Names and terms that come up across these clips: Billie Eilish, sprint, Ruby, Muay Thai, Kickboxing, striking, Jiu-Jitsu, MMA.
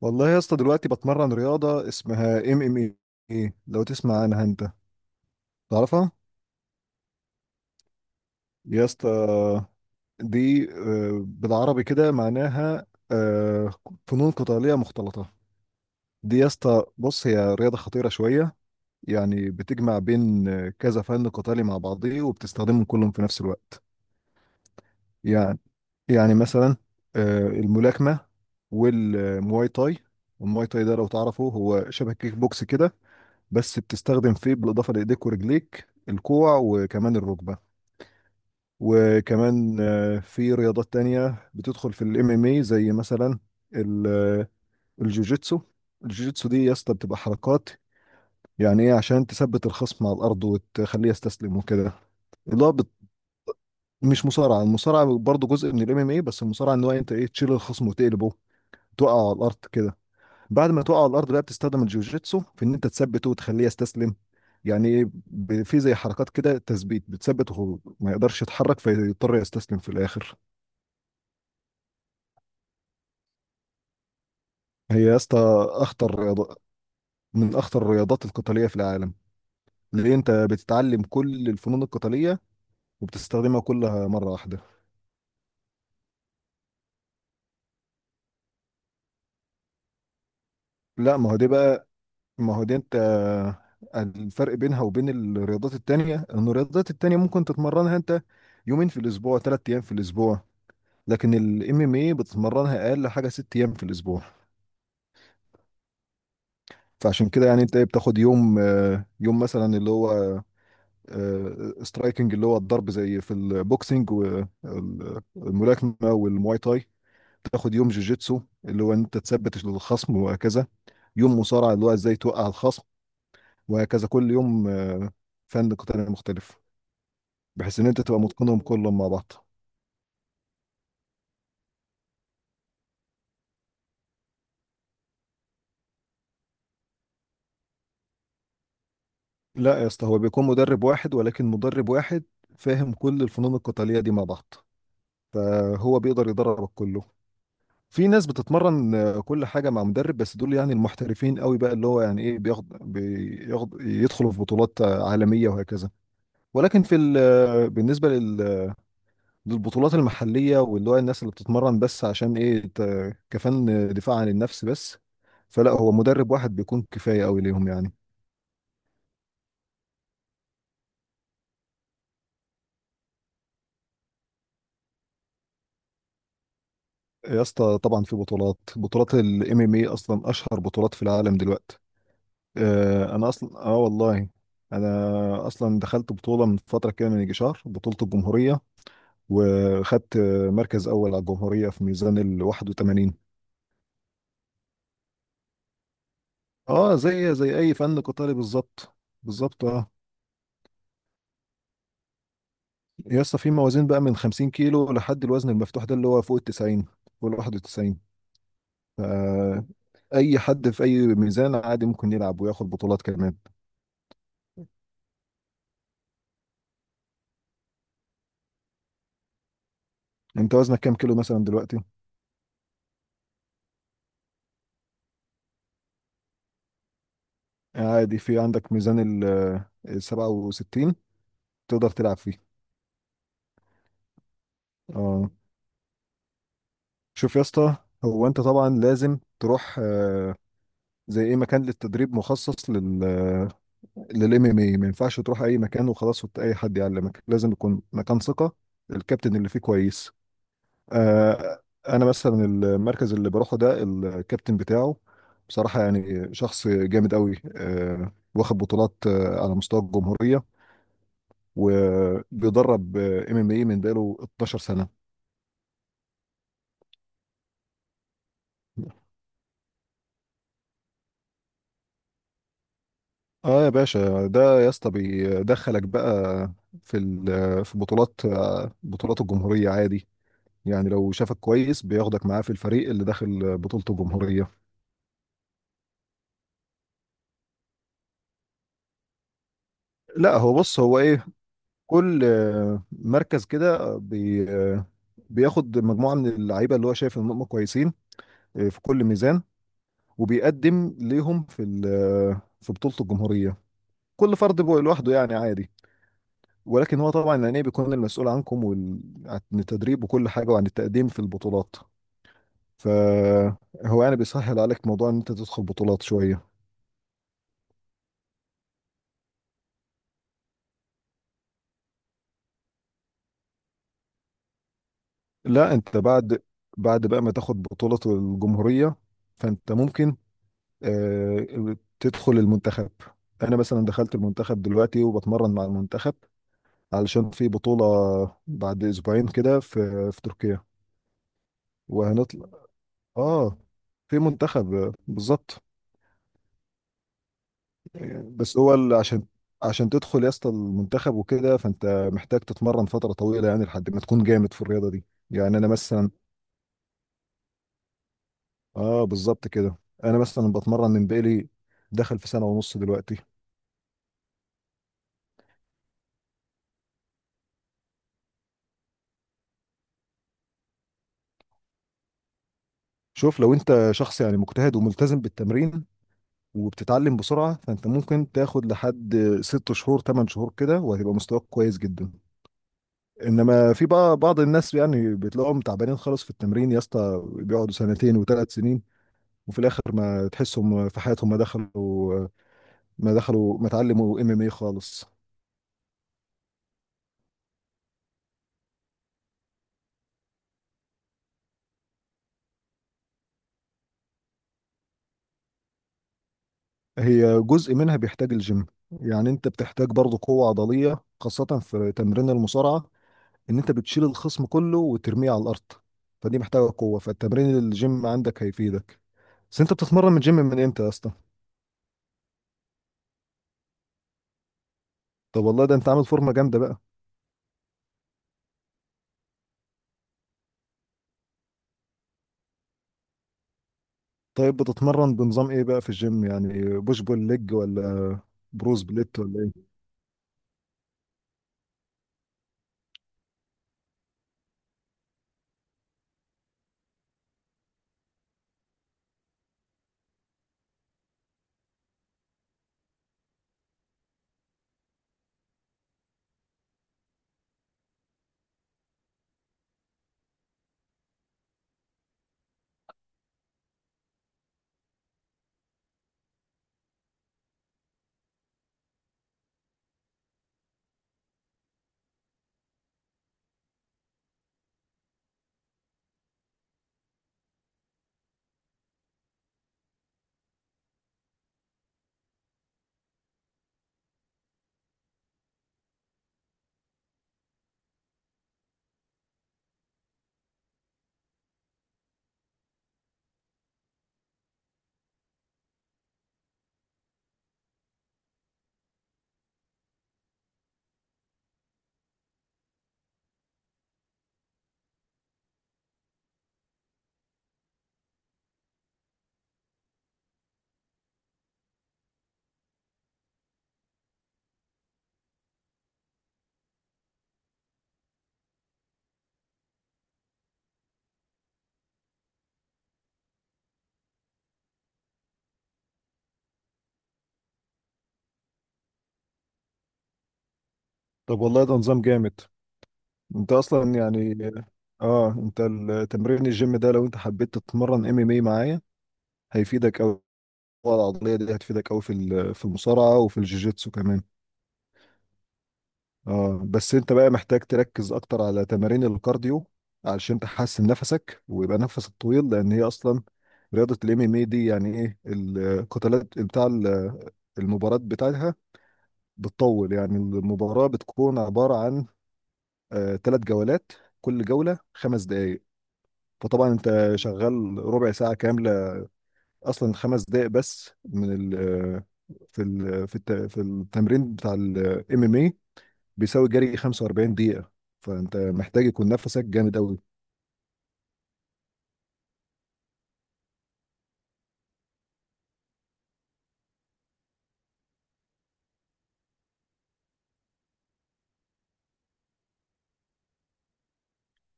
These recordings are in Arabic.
والله يا اسطى دلوقتي بتمرن رياضة اسمها ام ام اي. لو تسمع عنها انت تعرفها؟ يا اسطى دي بالعربي كده معناها آه، فنون قتالية مختلطة. دي يا اسطى بص هي رياضة خطيرة شوية، يعني بتجمع بين كذا فن قتالي مع بعضيه وبتستخدمهم كلهم في نفس الوقت. يعني يعني مثلا الملاكمة والمواي تاي. المواي تاي ده لو تعرفه هو شبه كيك بوكس كده، بس بتستخدم فيه بالاضافه لايديك ورجليك الكوع وكمان الركبه. وكمان في رياضات تانية بتدخل في الام ام اي زي مثلا ال- آه، الجوجيتسو. الجوجيتسو دي يا اسطى بتبقى حركات، يعني ايه عشان تثبت الخصم على الارض وتخليه يستسلم وكده. اللي هو بت... مش مصارعه، المصارعه برضه جزء من الام ام اي، بس المصارعه ان هو انت ايه تشيل الخصم وتقلبه، توقعه على الارض كده. بعد ما تقع على الارض بقى بتستخدم الجوجيتسو في ان انت تثبته وتخليه يستسلم. يعني ايه، في زي حركات كده تثبيت بتثبته وهو ما يقدرش يتحرك فيضطر يستسلم في الاخر. هي يا اسطى اخطر رياضة، من اخطر الرياضات القتاليه في العالم. ليه انت بتتعلم كل الفنون القتاليه وبتستخدمها كلها مره واحده. لا، ما هو دي انت، الفرق بينها وبين الرياضات التانية ان الرياضات التانية ممكن تتمرنها انت يومين في الاسبوع، ثلاث ايام في الاسبوع. لكن الام ام اي بتتمرنها اقل حاجه ست ايام في الاسبوع. فعشان كده يعني انت إيه بتاخد يوم مثلا اللي هو سترايكنج اللي هو الضرب زي في البوكسنج والملاكمه والمواي تاي. تاخد يوم جوجيتسو اللي هو انت تثبت الخصم وهكذا. يوم مصارعه اللي هو ازاي توقع الخصم وهكذا، كل يوم فن قتالي مختلف، بحيث ان انت تبقى متقنهم كلهم مع بعض. لا يا اسطى، هو بيكون مدرب واحد، ولكن مدرب واحد فاهم كل الفنون القتاليه دي مع بعض، فهو بيقدر يدربك كله. في ناس بتتمرن كل حاجة مع مدرب، بس دول يعني المحترفين قوي بقى اللي هو يعني ايه بياخد يدخلوا في بطولات عالمية وهكذا. ولكن في ال- آه، بالنسبة للبطولات المحلية، واللي هو الناس اللي بتتمرن بس عشان ايه كفن دفاع عن النفس بس، فلا هو مدرب واحد بيكون كفاية قوي ليهم يعني. يا اسطى طبعا في بطولات. بطولات الام ام اي اصلا اشهر بطولات في العالم دلوقتي. انا اصلا اه والله، انا اصلا دخلت بطوله من فتره كده، من يجي شهر، بطوله الجمهوريه، وخدت مركز اول على الجمهوريه في ميزان ال 81. اه، زي اي فن قتالي بالظبط. بالظبط اه. يا اسطى في موازين بقى من 50 كيلو لحد الوزن المفتوح ده اللي هو فوق ال 91. فاي حد في اي ميزان عادي ممكن يلعب وياخد بطولات كمان. انت وزنك كام كيلو مثلا دلوقتي؟ عادي في عندك ميزان ال 67، تقدر تلعب فيه. اه شوف يا اسطى، هو انت طبعا لازم تروح زي ايه مكان للتدريب مخصص للام ام اي. ما ينفعش تروح اي مكان وخلاص وت- اي حد يعلمك، لازم يكون مكان ثقه، الكابتن اللي فيه كويس. آه، انا مثلا المركز اللي بروحه ده الكابتن بتاعه بصراحه يعني شخص جامد قوي، واخد بطولات على مستوى الجمهوريه، وبيدرب ام ام اي من بقاله 12 سنه. اه يا باشا ده يا اسطى بيدخلك بقى في بطولات، بطولات الجمهورية عادي، يعني لو شافك كويس بياخدك معاه في الفريق اللي داخل بطولة الجمهورية. لا هو بص هو ايه، كل مركز كده بي آه، بياخد مجموعة من اللعيبة اللي هو شايف ان هم كويسين في كل ميزان، وبيقدم ليهم في ال- آه، في بطولة الجمهورية، كل فرد بقى لوحده يعني عادي. ولكن هو طبعا الأنيب بيكون المسؤول عنكم عن التدريب وكل حاجة وعن التقديم في البطولات. فهو يعني بيسهل عليك موضوع إن أنت تدخل بطولات شوية. لا أنت بعد بقى ما تاخد بطولة الجمهورية فأنت ممكن تدخل المنتخب. أنا مثلا دخلت المنتخب دلوقتي وبتمرن مع المنتخب علشان في بطولة بعد أسبوعين كده، في تركيا، وهنطلع. آه في منتخب بالظبط. بس هو عشان تدخل يا اسطى المنتخب وكده فانت محتاج تتمرن فتره طويله يعني لحد ما تكون جامد في الرياضه دي. يعني انا مثلا، اه بالظبط كده. انا مثلا بتمرن من بقالي، دخل في سنه ونص دلوقتي. شوف، لو انت شخص يعني مجتهد وملتزم بالتمرين وبتتعلم بسرعه فانت ممكن تاخد لحد ست شهور، تمن شهور كده، وهتبقى مستواك كويس جدا. انما في بقى بعض الناس يعني بتلاقيهم تعبانين خالص في التمرين يا اسطى بيقعدوا سنتين وثلاث سنين وفي الاخر ما تحسهم في حياتهم ما دخلوا، ما اتعلموا ام ام اي خالص. هي جزء منها بيحتاج الجيم، يعني انت بتحتاج برضه قوة عضلية خاصة في تمرين المصارعة، ان انت بتشيل الخصم كله وترميه على الارض، فدي محتاجة قوة، فالتمرين الجيم عندك هيفيدك. بس انت بتتمرن من الجيم من امتى يا اسطى؟ طب والله ده انت عامل فورمة جامدة بقى. طيب بتتمرن بنظام ايه بقى في الجيم يعني، بوش بول ليج ولا بروز بليت ولا ايه؟ طب والله ده نظام جامد، انت اصلا يعني، اه انت التمرين الجيم ده لو انت حبيت تتمرن ام ام اي معايا هيفيدك قوي، العضليه دي هتفيدك قوي في المصارعه وفي الجوجيتسو كمان. اه بس انت بقى محتاج تركز اكتر على تمارين الكارديو علشان تحسن نفسك ويبقى نفسك طويل، لان هي اصلا رياضه الام ام اي دي يعني ايه القتالات المباراه بتاعتها بتطول، يعني المباراه بتكون عباره عن ثلاث جولات، كل جوله خمس دقائق. فطبعا انت شغال ربع ساعه كامله، اصلا خمس دقائق بس من ال في ال في الت- في التمرين بتاع الام ام اي بيساوي جري 45 دقيقه. فانت محتاج يكون نفسك جامد قوي.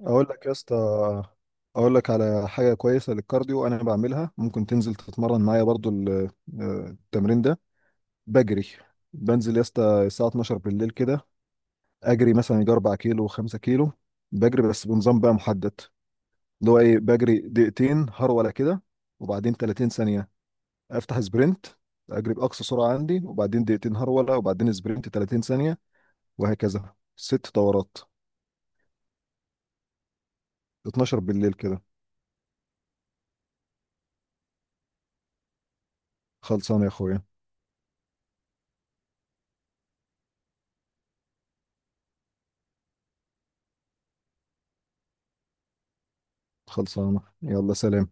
اقول لك يا اسطى اقول لك على حاجه كويسه للكارديو انا بعملها، ممكن تنزل تتمرن معايا برضو التمرين ده. بجري، بنزل يا اسطى الساعه 12 بالليل كده، اجري مثلا يجي 4 كيلو، 5 كيلو، بجري بس بنظام بقى محدد اللي هو ايه، بجري دقيقتين هرولة كده وبعدين 30 ثانية افتح سبرنت، اجري باقصى سرعة عندي، وبعدين دقيقتين هرولة وبعدين سبرنت 30 ثانية، وهكذا ست دورات. 12 بالليل كده. خلصانة يا اخويا. خلصانة يلا سلام.